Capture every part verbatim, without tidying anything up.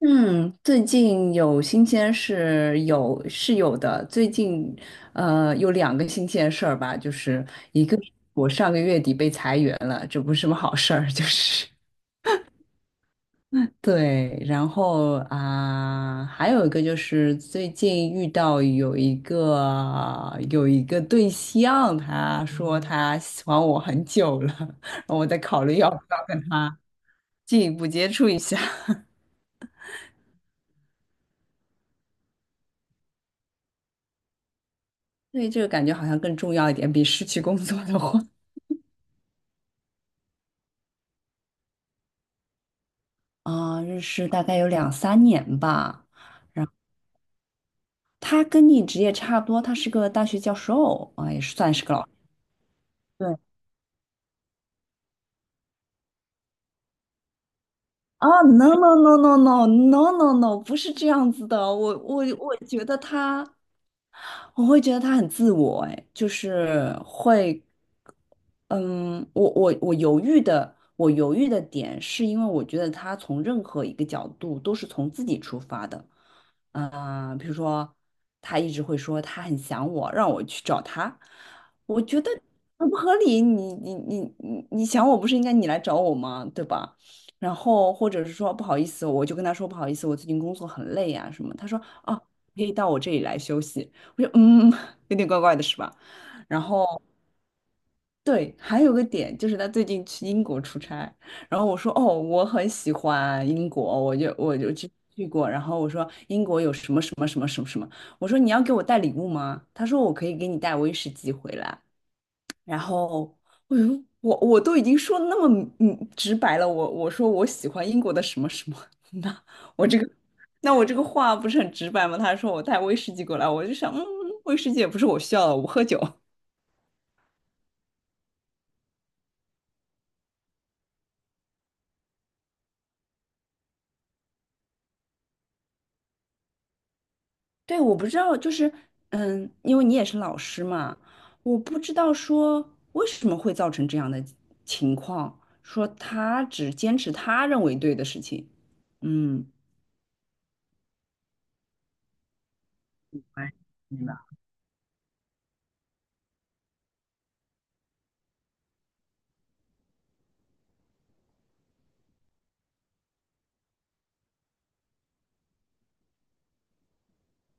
嗯，最近有新鲜事有是有的。最近，呃，有两个新鲜事儿吧，就是一个是我上个月底被裁员了，这不是什么好事儿，就是对。然后啊、还有一个就是最近遇到有一个有一个对象，他说他喜欢我很久了，然后我在考虑要不要跟他进一步接触一下。对，这个感觉好像更重要一点，比失去工作的话。啊、认识大概有两三年吧。他跟你职业差不多，他是个大学教授啊、也是算是个老 师。对啊，no no no no no no no no，不是这样子的。我我我觉得他，我会觉得他很自我，哎，就是会，嗯，我我我犹豫的，我犹豫的点是因为我觉得他从任何一个角度都是从自己出发的。嗯、呃比如说他一直会说他很想我，让我去找他，我觉得很不合理。你你你你你想我不是应该你来找我吗？对吧？然后或者是说不好意思，我就跟他说不好意思，我最近工作很累呀、什么。他说哦，可以到我这里来休息。我说嗯，有点怪怪的是吧？然后。对，还有个点就是他最近去英国出差，然后我说哦，我很喜欢英国，我就我就去去过，然后我说英国有什么什么什么什么什么，我说你要给我带礼物吗？他说我可以给你带威士忌回来，然后哎呦，我我都已经说得那么嗯直白了，我我说我喜欢英国的什么什么，那我这个那我这个话不是很直白吗？他说我带威士忌过来，我就想嗯，威士忌也不是我需要的，我不喝酒。对，我不知道，就是，嗯，因为你也是老师嘛，我不知道说为什么会造成这样的情况，说他只坚持他认为对的事情，嗯，哎，明白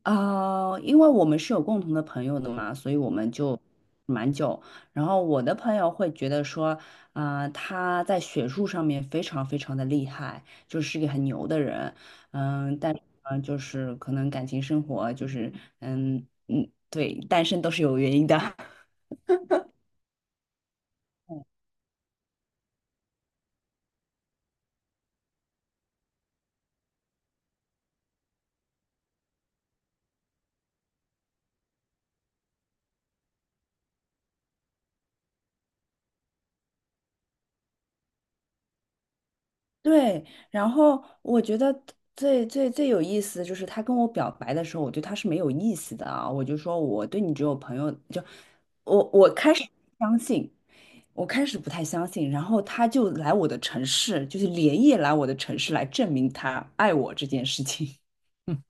啊，因为我们是有共同的朋友的嘛，所以我们就蛮久。然后我的朋友会觉得说，啊、他在学术上面非常非常的厉害，就是一个很牛的人。嗯、但是呢就是可能感情生活就是，嗯嗯，对，单身都是有原因的。对，然后我觉得最最最有意思的就是他跟我表白的时候，我对他是没有意思的啊，我就说我对你只有朋友，就我我开始相信，我开始不太相信，然后他就来我的城市，就是连夜来我的城市来证明他爱我这件事情，嗯，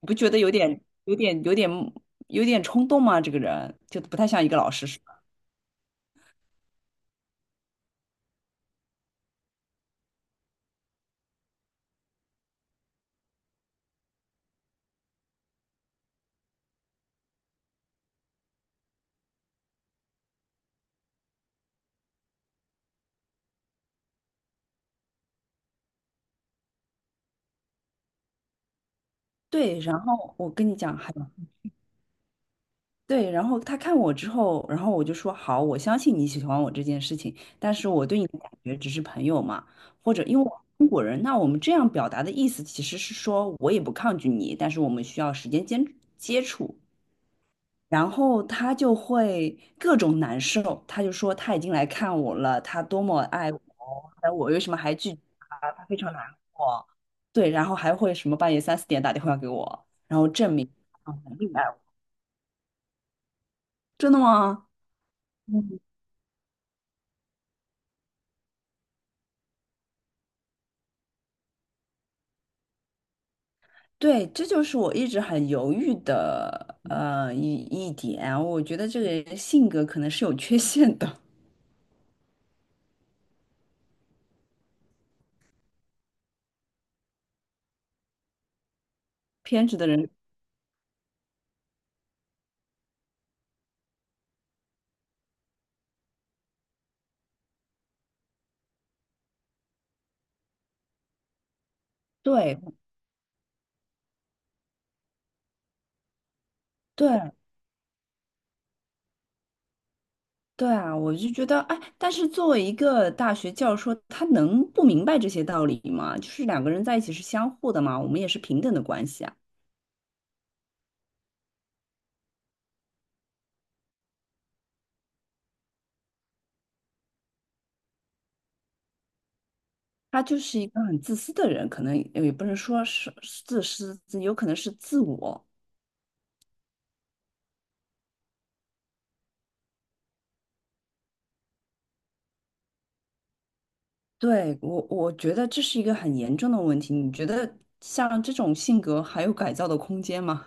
你不觉得有点有点有点有点冲动吗？这个人就不太像一个老实人。对，然后我跟你讲，还。对，然后他看我之后，然后我就说好，我相信你喜欢我这件事情，但是我对你的感觉只是朋友嘛，或者因为我是中国人，那我们这样表达的意思其实是说我也不抗拒你，但是我们需要时间接接触。然后他就会各种难受，他就说他已经来看我了，他多么爱我，但我为什么还拒绝他？他非常难过。对，然后还会什么半夜三四点打电话给我，我证明他很爱爱我。真的吗？对，这就是我一直很犹豫的呃一一点。我觉得这个人性格可能是有缺陷的，偏执的人。对对对啊，我就觉得哎，但是作为一个大学教授，他能不明白这些道理吗？就是两个人在一起是相互的嘛，我们也是平等的关系啊。他就是一个很自私的人，可能呃也不能说是是自私，有可能是自我。对，我我觉得这是一个很严重的问题。你觉得像这种性格还有改造的空间吗？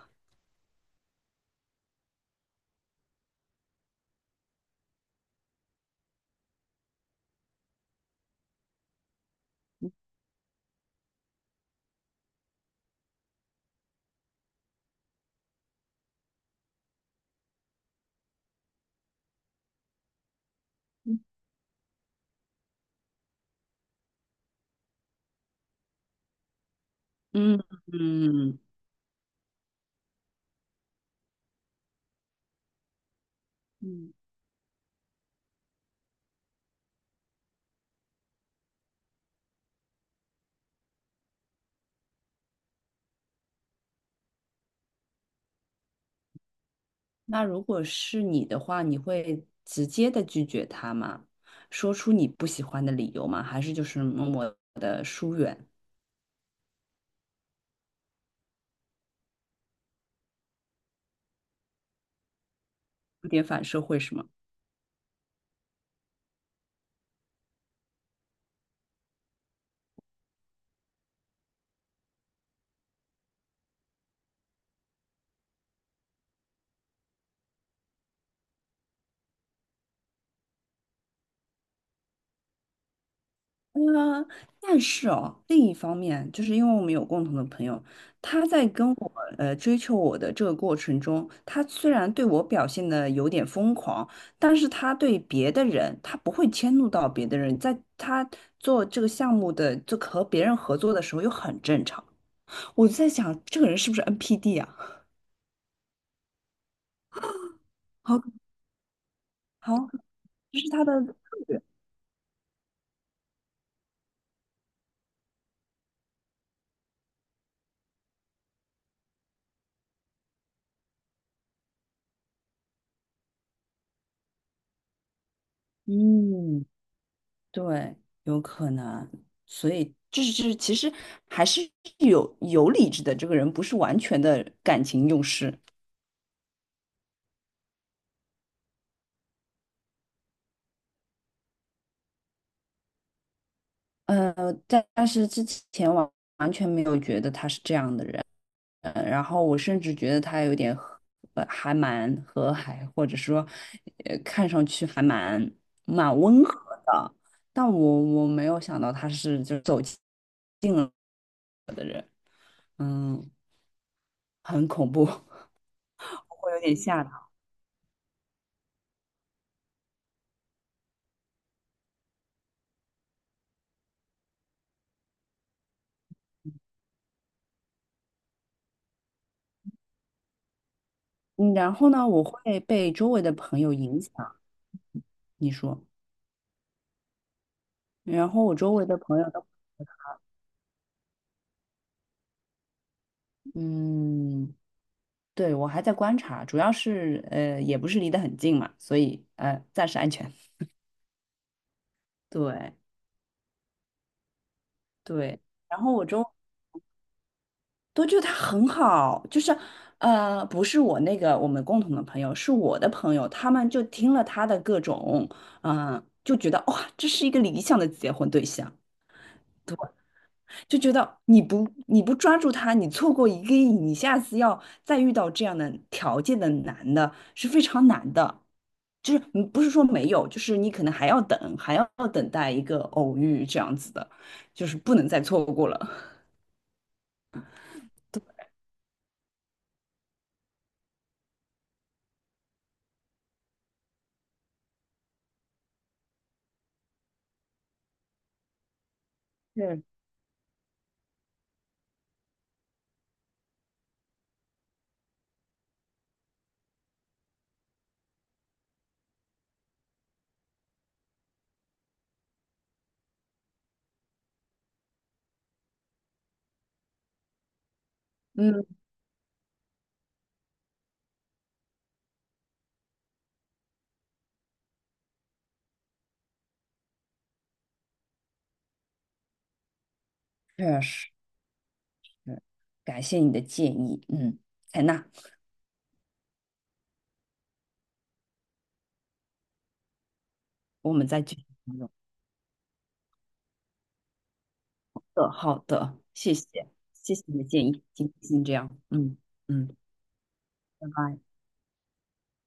嗯嗯嗯，那如果是你的话，你会直接的拒绝他吗？说出你不喜欢的理由吗？还是就是默默的疏远，有点反社会是吗？嗯，但是哦，另一方面，就是因为我们有共同的朋友，他在跟我呃追求我的这个过程中，他虽然对我表现的有点疯狂，但是他对别的人，他不会迁怒到别的人，在他做这个项目的，就和别人合作的时候又很正常。我就在想，这个人是不是 N P D 啊？好，好，这是他的策略。嗯。对，有可能，所以就是就是，其实还是有有理智的，这个人不是完全的感情用事。呃，但但是之前完完全没有觉得他是这样的人，呃，然后我甚至觉得他有点和呃还蛮和蔼，或者说，呃，看上去还蛮蛮温和的，但我我没有想到他是就走起嗯，很恐怖，会有点吓。嗯，然后呢，我会被周围的朋友影响。你说，然后我周围的朋友都，嗯，对，我还在观察，主要是呃，也不是离得很近嘛，所以呃，暂时安全。对对，然后我周都觉得他很好，就是呃，不是我那个我们共同的朋友，是我的朋友，他们就听了他的各种，嗯、就觉得哇，这是一个理想的结婚对象。就觉得你不你不抓住他，你错过一个亿，你下次要再遇到这样的条件的男的是非常难的。就是嗯不是说没有，就是你可能还要等，还要等待一个偶遇这样子的，就是不能再错过了。是，嗯，确实，感谢你的建议，嗯，采纳，我们再继续讨论好的，好的，谢谢，谢谢你的建议，今天先这样，嗯嗯，拜拜。